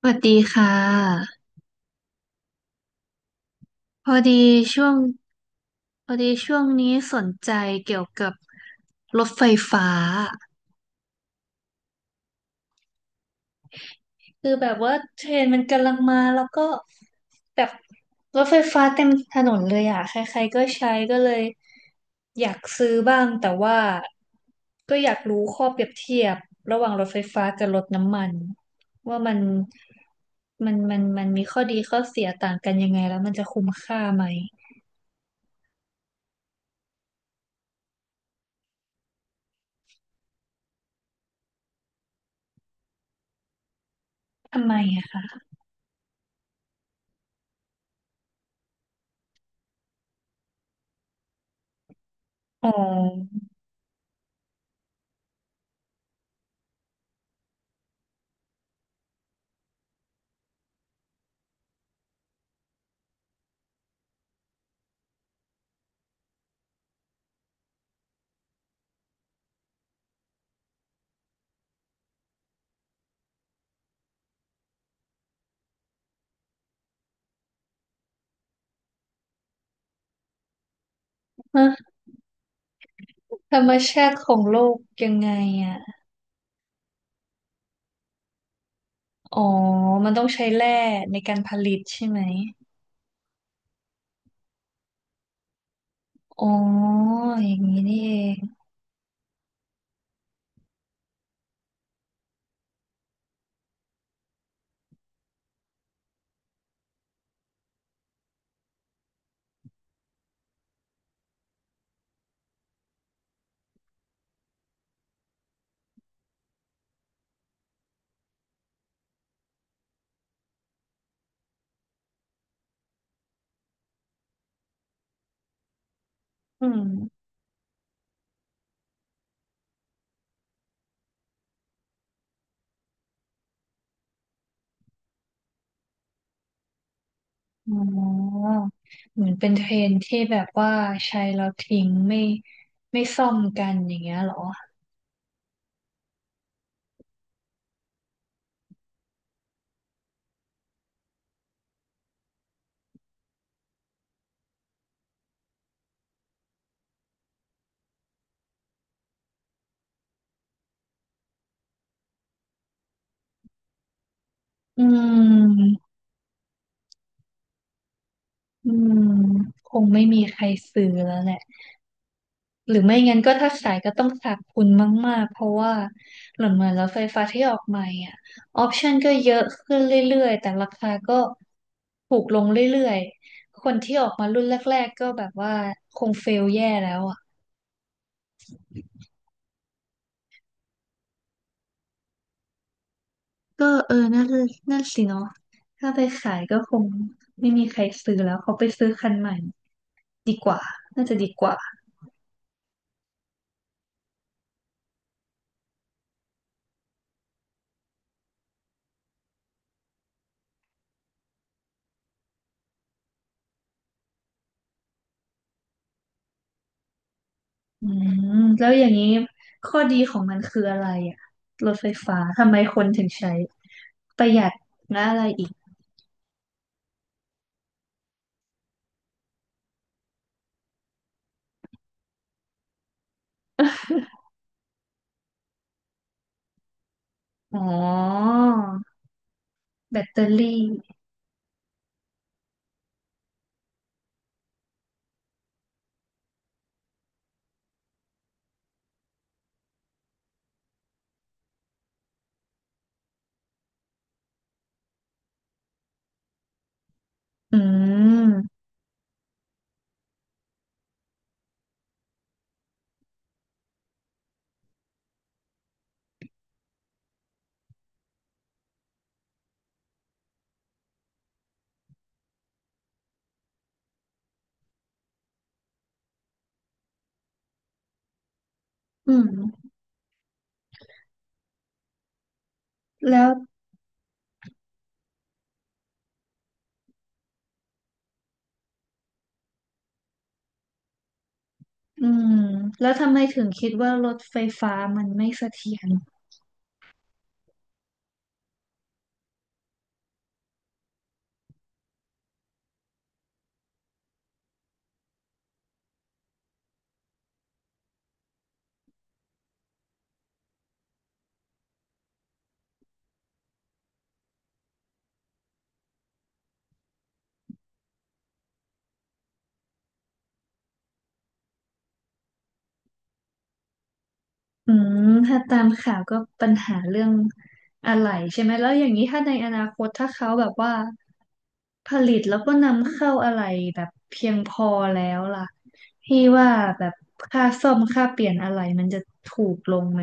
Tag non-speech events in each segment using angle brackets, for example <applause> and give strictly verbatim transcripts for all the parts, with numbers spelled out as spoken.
สวัสดีค่ะพอดีช่วงพอดีช่วงนี้สนใจเกี่ยวกับรถไฟฟ้าคือแบบว่าเทรนด์มันกำลังมาแล้วก็แบบรถไฟฟ้าเต็มถนนเลยอ่ะใครๆก็ใช้ก็เลยอยากซื้อบ้างแต่ว่าก็อยากรู้ข้อเปรียบเทียบระหว่างรถไฟฟ้ากับรถน้ำมันว่ามันมันมันมันมีข้อดีข้อเสียต่างกันยังไงแล้วมันจะคุ้มค่าไหมทำไมอะคะอ๋อ ธรรมชาติของโลกยังไงอ่ะอ๋อ มันต้องใช้แร่ในการผลิตใช่ไหม อ๋อ อย่างนี้นี่เองอืมอ๋อ เหมือนเป็นเทรนที่แบบว่าใช้แล้วทิ้งไม่ไม่ซ่อมกันอย่างเงี้ยเหรออืมอืมคงไม่มีใครซื้อแล้วแหละ หรือไม่งั้นก็ถ้าขายก็ต้องขาดทุนมากๆ เพราะว่าเหลอนเหมือนรถไฟฟ้าที่ออกใหม่อ่ะออปชันก็เยอะขึ้นเรื่อยๆแต่ราคาก็ถูกลงเรื่อยๆคนที่ออกมารุ่นแรกๆก็แบบว่าคงเฟลแย่แล้วอ่ะก็เออนั่นนั่นสิเนาะถ้าไปขายก็คงไม่มีใครซื้อแล้วเขาไปซื้อคันใหม่น่าจะดีกว่าอืมแล้วอย่างนี้ข้อดีของมันคืออะไรอ่ะรถไฟฟ้าทำไมคนถึงใช้ประหยัดและอะไรอีก อ๋อแบตเตอรี่อืมอืมแล้วอืมแล้วทำไมถึงคิดว่ารถไฟฟ้ามันไม่เสถียรอืมถ้าตามข่าวก็ปัญหาเรื่องอะไหล่ใช่ไหมแล้วอย่างนี้ถ้าในอนาคตถ้าเขาแบบว่าผลิตแล้วก็นำเข้าอะไหล่แบบเพียงพอแล้วล่ะพี่ว่าแบบค่าซ่อมค่าเปลี่ยนอะไหล่มันจะถูกลงไหม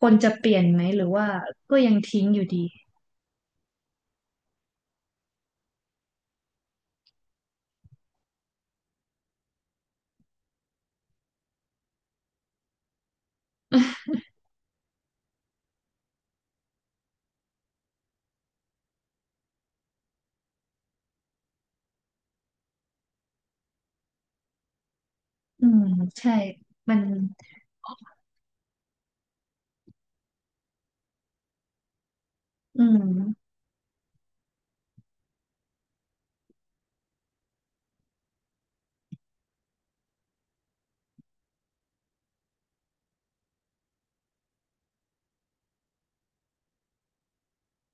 คนจะเปลี่ยนไหมหรือว่าก็ยังทิ้งอยู่ดี อืมใช่มันอืม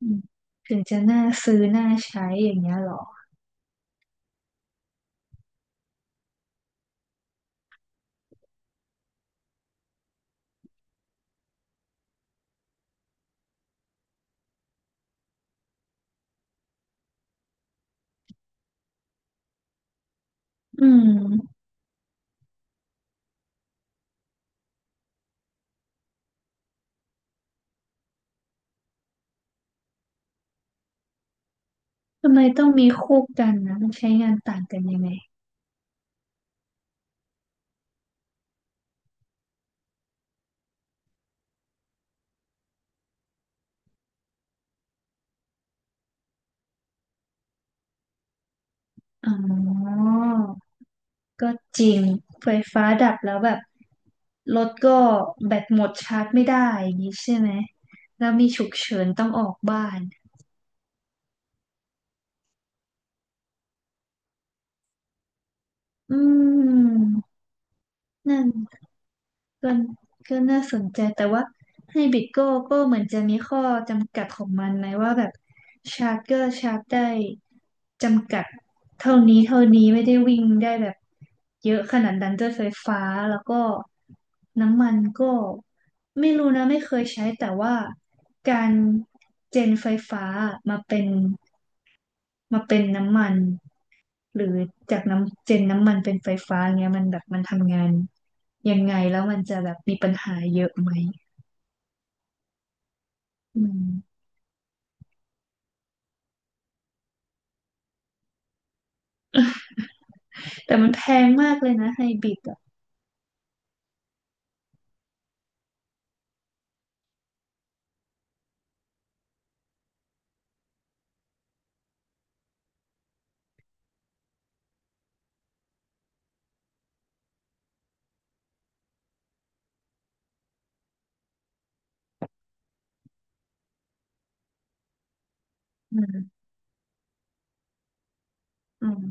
อืมถึงจะน่าซื้อน่าใช้อย่างเงี้ยเหรออืมทำไมต้องมีคู่กันนะมันใช้งานต่างกันยังไงอ๋อก็จริงไฟฟ้าดับแล้วแบบรถก็แบตหมดชาร์จไม่ได้อย่างนี้ใช่ไหมแล้วมีฉุกเฉินต้องออกบ้านอืมนั่น ก็ก็น่าสนใจแต่ว่าให้บริดโก้ก็เหมือนจะมีข้อจำกัดของมันนะว่าแบบชาร์จก็ชาร์จได้จำกัดเท่านี้เท่านี้ไม่ได้วิ่งได้แบบเยอะขนาดนั้นด้วยไฟฟ้าแล้วก็น้ำมันก็ไม่รู้นะไม่เคยใช้แต่ว่าการเจนไฟฟ้ามาเป็นมาเป็นน้ำมัน หรือจากน้ำเจนน้ำมันเป็นไฟฟ้าเงี้ยมันแบบมันทำงานยังไงแล้วมันจะแบบมีปัญหาเยอะไหมอืมแต่มันแพงมากเลยนะไฮบริดอ่ะอืมอืม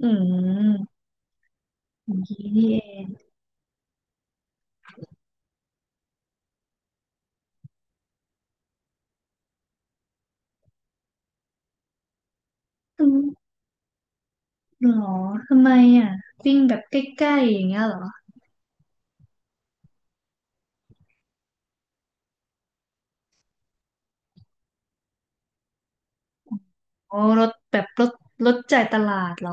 อืมอย่างนี้นี่เองอืมหรอทำไมอ่ะวิ่งแบบใกล้ๆอย่างเงี้ยเหรออ๋อรถแบบรถรถจ่ายตลาดเหรอ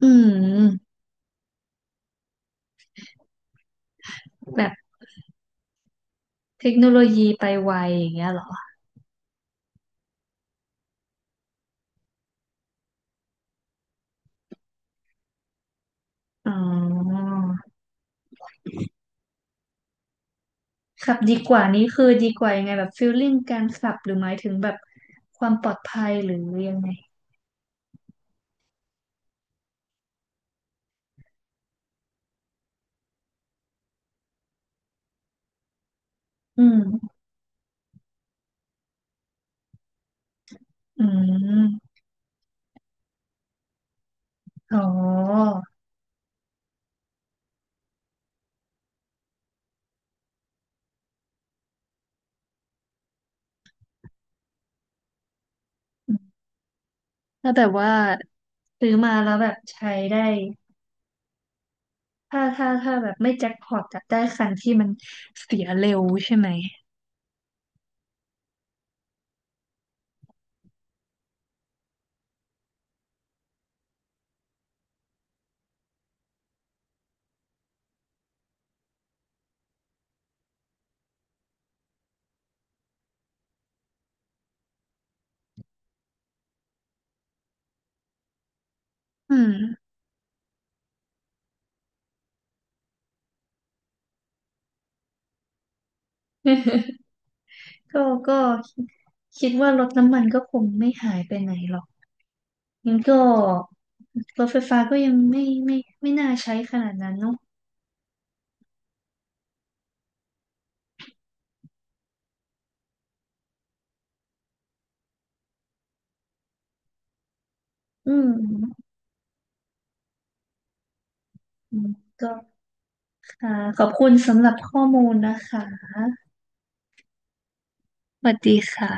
อืมแบบเทคโนโลยีไปไวอย่างเงี้ยเหรออ๋อ ขับดีกว่านี้คือดีกว่ายังไงแบบฟีลลิ่งการขับหรือหมายถึงแบบความปลอดภัยหรือยังไง อืมอืมอ๋ออืมถ้าแบบว่าซื้อมาแล้วแบบใช้ได้ ถ้าถ้าถ้าแบบไม่แจ็คพอตจะได้คันที่มันเสียเร็วใช่ไหม อืม <laughs> ก็ก็คิดว่ารถน้ำมันก็คงไม่หายไปไหนหรอกงั้นก็รถไฟฟ้าก็ยังไม่ไม่ไม่น่าใช้ขนาดนั้นเนอะอืมอืมก็ ค่ะขอบคุณสำหรับข้อมูลนะคะสวัสดีค่ะ